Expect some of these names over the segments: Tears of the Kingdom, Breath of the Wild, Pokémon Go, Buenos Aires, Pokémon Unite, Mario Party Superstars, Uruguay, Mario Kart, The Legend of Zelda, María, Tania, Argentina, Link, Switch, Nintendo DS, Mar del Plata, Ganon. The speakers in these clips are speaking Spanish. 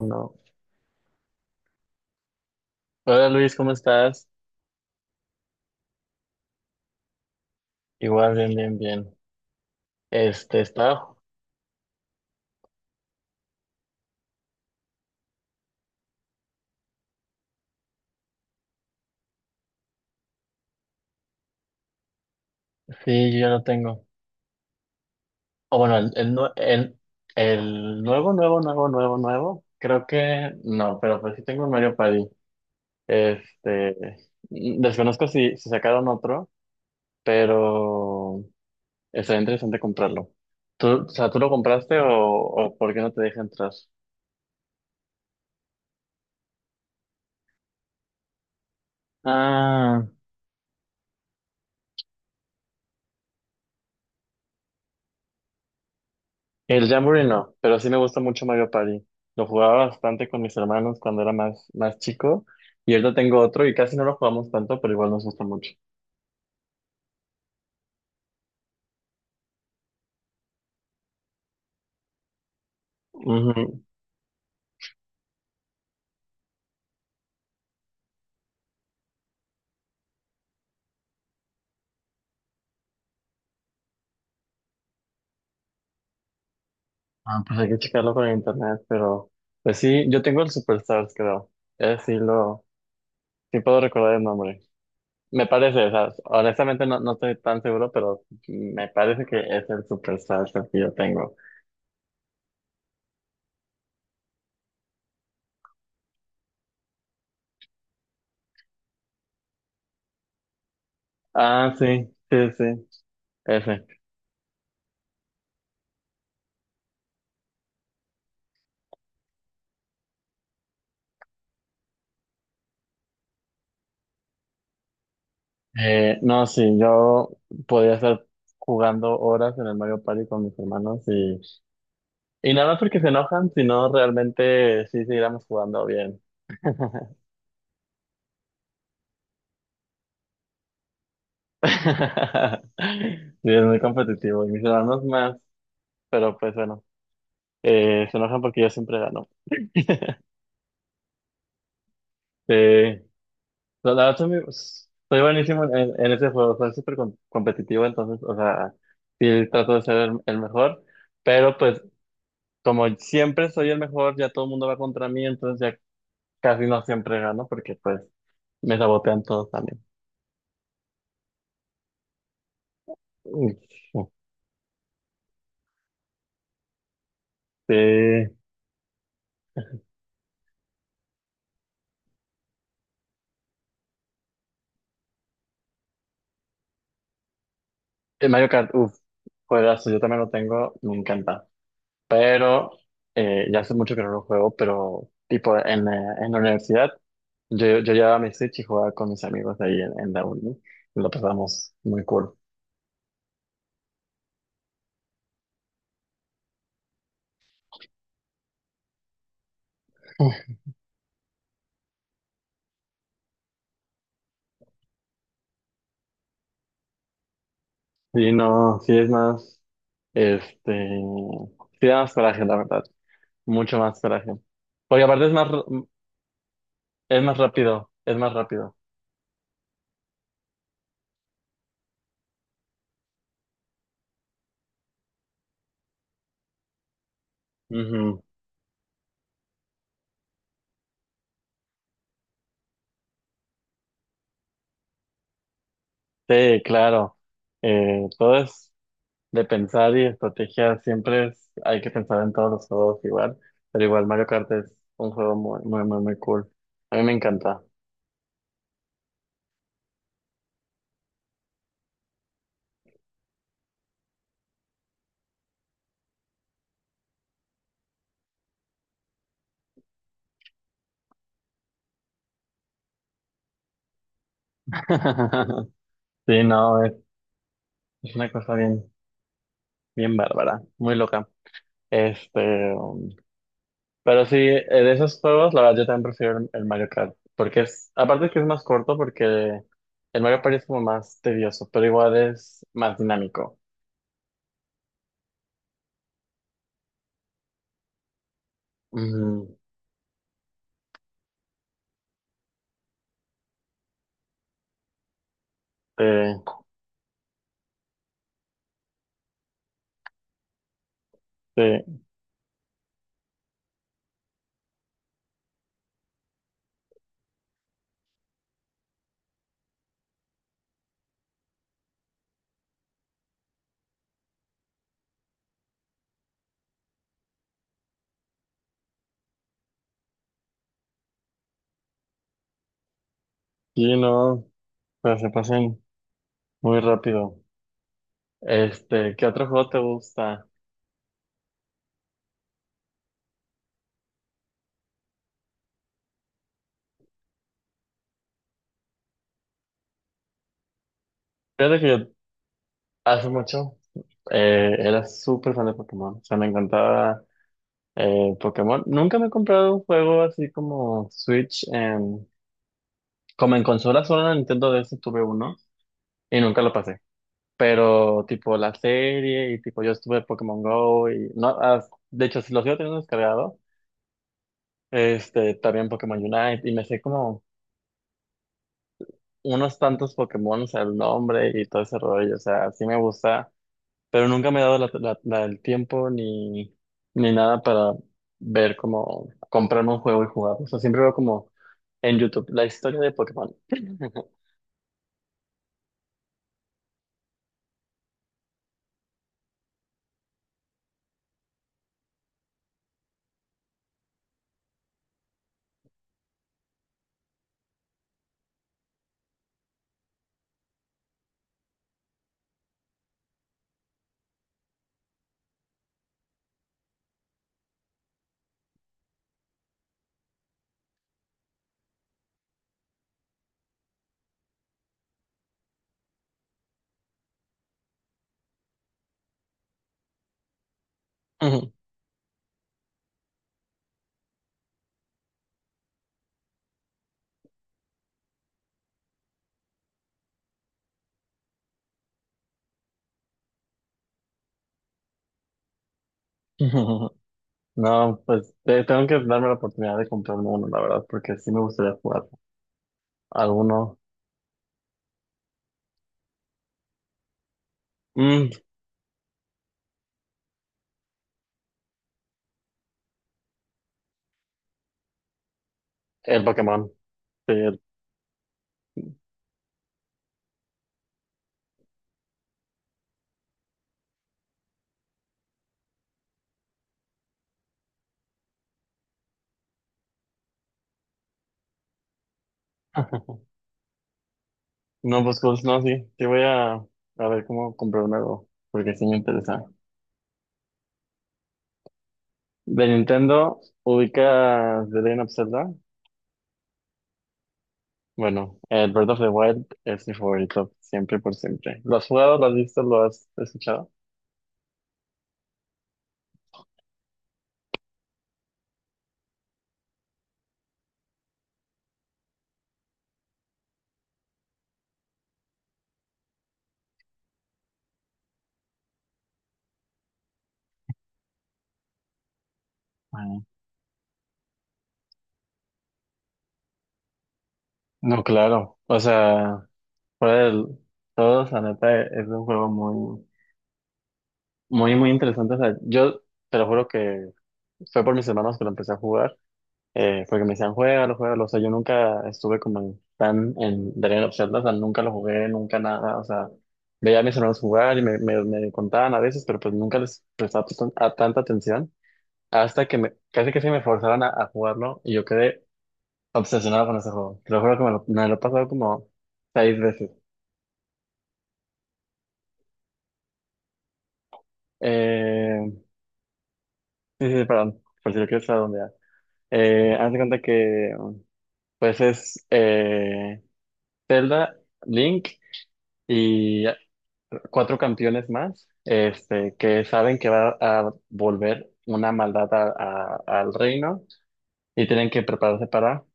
No. Hola Luis, ¿cómo estás? Igual, bien, bien, bien. Está. Sí, yo ya lo tengo. O bueno, nue- el, el nuevo. Creo que no, pero pues sí tengo un Mario Party. Este, desconozco si sacaron otro, pero estaría interesante comprarlo. ¿Tú lo compraste o por qué no te deja entrar? Ah. El Jamboree no, pero sí me gusta mucho Mario Party. Lo jugaba bastante con mis hermanos cuando era más chico. Y ahorita tengo otro y casi no lo jugamos tanto, pero igual nos gusta mucho. Ujú. Ah, pues hay que checarlo con internet, pero pues sí, yo tengo el Superstars, creo. Es sí lo, sí puedo recordar el nombre. Me parece, o sea, honestamente no estoy tan seguro, pero me parece que es el Superstars el que yo tengo. Ah, sí, sí, sí, ese. No, sí, yo podría estar jugando horas en el Mario Party con mis hermanos y nada más porque se enojan, sino realmente sí seguiríamos jugando bien. Sí, es muy competitivo y mis hermanos más, pero pues bueno, se enojan porque yo siempre gano. Eh, la verdad soy, muy- soy buenísimo en ese juego, soy súper com- competitivo, entonces, o sea, sí trato de ser el mejor, pero pues como siempre soy el mejor, ya todo el mundo va contra mí, entonces casi no siempre gano porque pues me sabotean todos también. Uf, uf. Sí. El Mario Kart, uff, juegazo, yo también lo tengo, me encanta. Pero ya hace mucho que no lo juego, pero tipo en la universidad yo llevaba mi Switch y jugaba con mis amigos ahí en la uni. Y lo pasamos muy cool. Sí, no, sí es más, este, sí da más coraje, la verdad, mucho más coraje. Porque aparte es es más rápido, es más rápido. Sí, claro. Todo es de pensar y estrategia. Siempre es, hay que pensar en todos los juegos igual. Pero igual Mario Kart es un juego muy, muy, muy, muy cool. A mí me encanta. Sí, no, es una cosa bien, bien bárbara, muy loca. Este, um, pero sí, de esos juegos, la verdad, yo también prefiero el Mario Kart. Porque es, aparte que es más corto, porque el Mario Party es como más tedioso, pero igual es más dinámico. Ujú. Sí, sí. Sí, no, pero se pasan muy rápido. ¿Qué otro juego te gusta? Fíjate que yo hace mucho era súper fan de Pokémon. O sea, me encantaba Pokémon. Nunca me he comprado un juego así como Switch. En- como en consola solo en Nintendo DS tuve uno y nunca lo pasé. Pero tipo la serie y tipo yo estuve Pokémon Go y no, ah, de hecho si lo sigo teniendo descargado. También Pokémon Unite y me sé como unos tantos Pokémon, o sea el nombre y todo ese rollo, o sea, sí me gusta, pero nunca me he dado el tiempo ni, ni nada para ver cómo comprarme un juego y jugar. O sea, siempre veo como en YouTube la historia de Pokémon. No, pues te- tengo que darme la oportunidad de comprarme uno, la verdad, porque sí me gustaría jugar alguno. Mm, el Pokémon, sí, el- No, pues Coles, no, sí. Sí voy a ver cómo comprar un algo, porque sí me interesa. De Nintendo, ubicas The Legend of Zelda. Bueno, el Breath of the Wild es mi favorito, siempre por siempre. ¿Lo has jugado, lo has visto, lo has escuchado? Ah, no, claro. O sea, fuera del todo, la neta, es un juego muy, muy, muy interesante. O sea, yo te lo juro que fue por mis hermanos que lo empecé a jugar. Porque me decían, juégalo, juégalo, o sea, yo nunca estuve como en- tan en The Legend of Zelda, o sea, nunca lo jugué, nunca nada, o sea, veía a mis hermanos jugar y me contaban a veces, pero pues nunca les prestaba tan- a tanta atención, hasta que me, casi que se me forzaron a jugarlo y yo quedé obsesionado con ese juego, te lo juro que me lo he pasado como seis veces. Eh, sí, sí, perdón, por si lo quieres redondear. Haz de cuenta que, pues es Zelda, Link, y cuatro campeones más, que saben que va a volver una maldad al reino y tienen que prepararse para,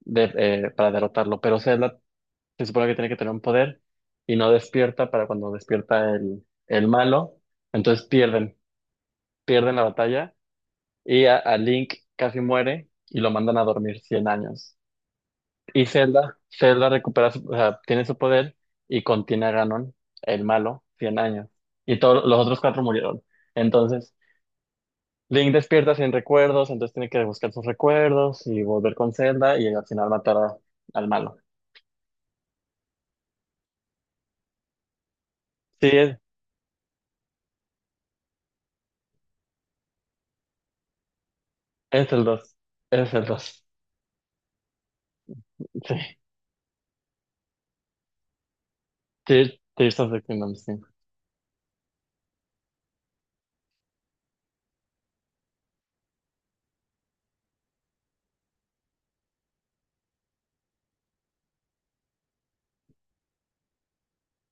para derrotarlo. Pero Zelda se supone que tiene que tener un poder y no despierta para cuando despierta el malo. Entonces pierden, pierden la batalla y a Link casi muere y lo mandan a dormir 100 años. Y Zelda recupera, su- o sea, tiene su poder y contiene a Ganon, el malo, 100 años. Y todos los otros cuatro murieron. Entonces, Link despierta sin recuerdos, entonces tiene que buscar sus recuerdos y volver con Zelda y al final matar a- al malo. Sí, es el 2. Es el 2. Sí. Tear- Tears of the Kingdom, sí.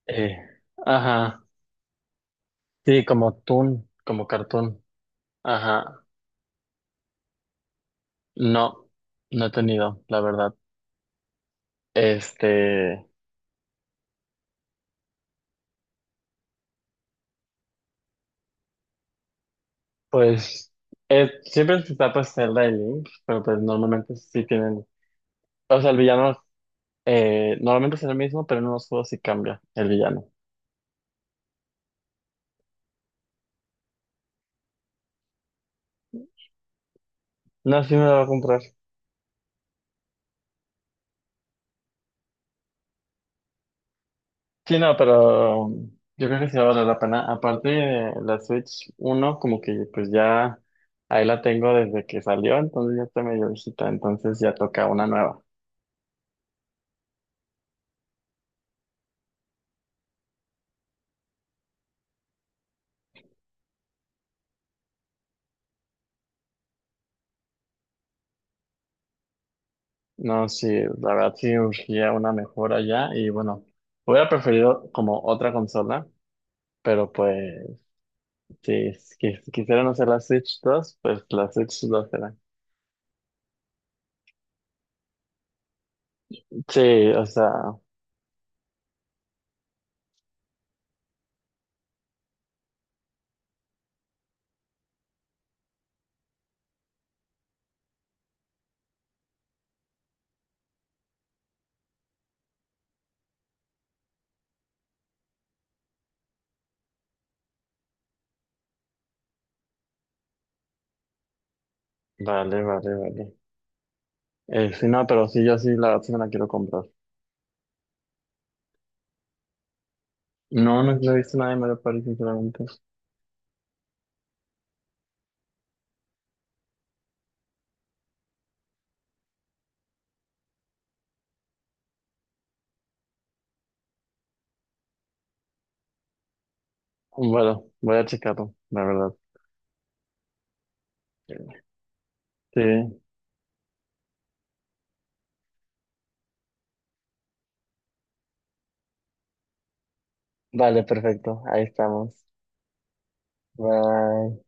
Eh, ajá. Sí, como Toon, como Cartoon. Ajá. No, no he tenido, la verdad. Este. Pues siempre se está pues Zelda y Link, pero pues normalmente sí tienen, o sea, el villano normalmente es el mismo, pero en unos juegos sí cambia el villano. No, sí me lo voy a comprar. Sí, no, pero yo creo que sí va a valer la pena. Aparte de la Switch uno como que pues ya ahí la tengo desde que salió, entonces ya está medio viejita, entonces ya toca una nueva. No, sí, la verdad sí urgía una mejora ya y bueno, hubiera preferido como otra consola, pero pues... Sí, es que si quisieran hacer las Switch 2 pues las Switch 2 serán. Sí, o sea, vale. Sí, no, pero sí, yo sí verdad sí me la quiero comprar. No, no he visto nadie me lo París, sinceramente. Bueno, voy a checarlo, la verdad. Sí, vale, perfecto, ahí estamos. Bye.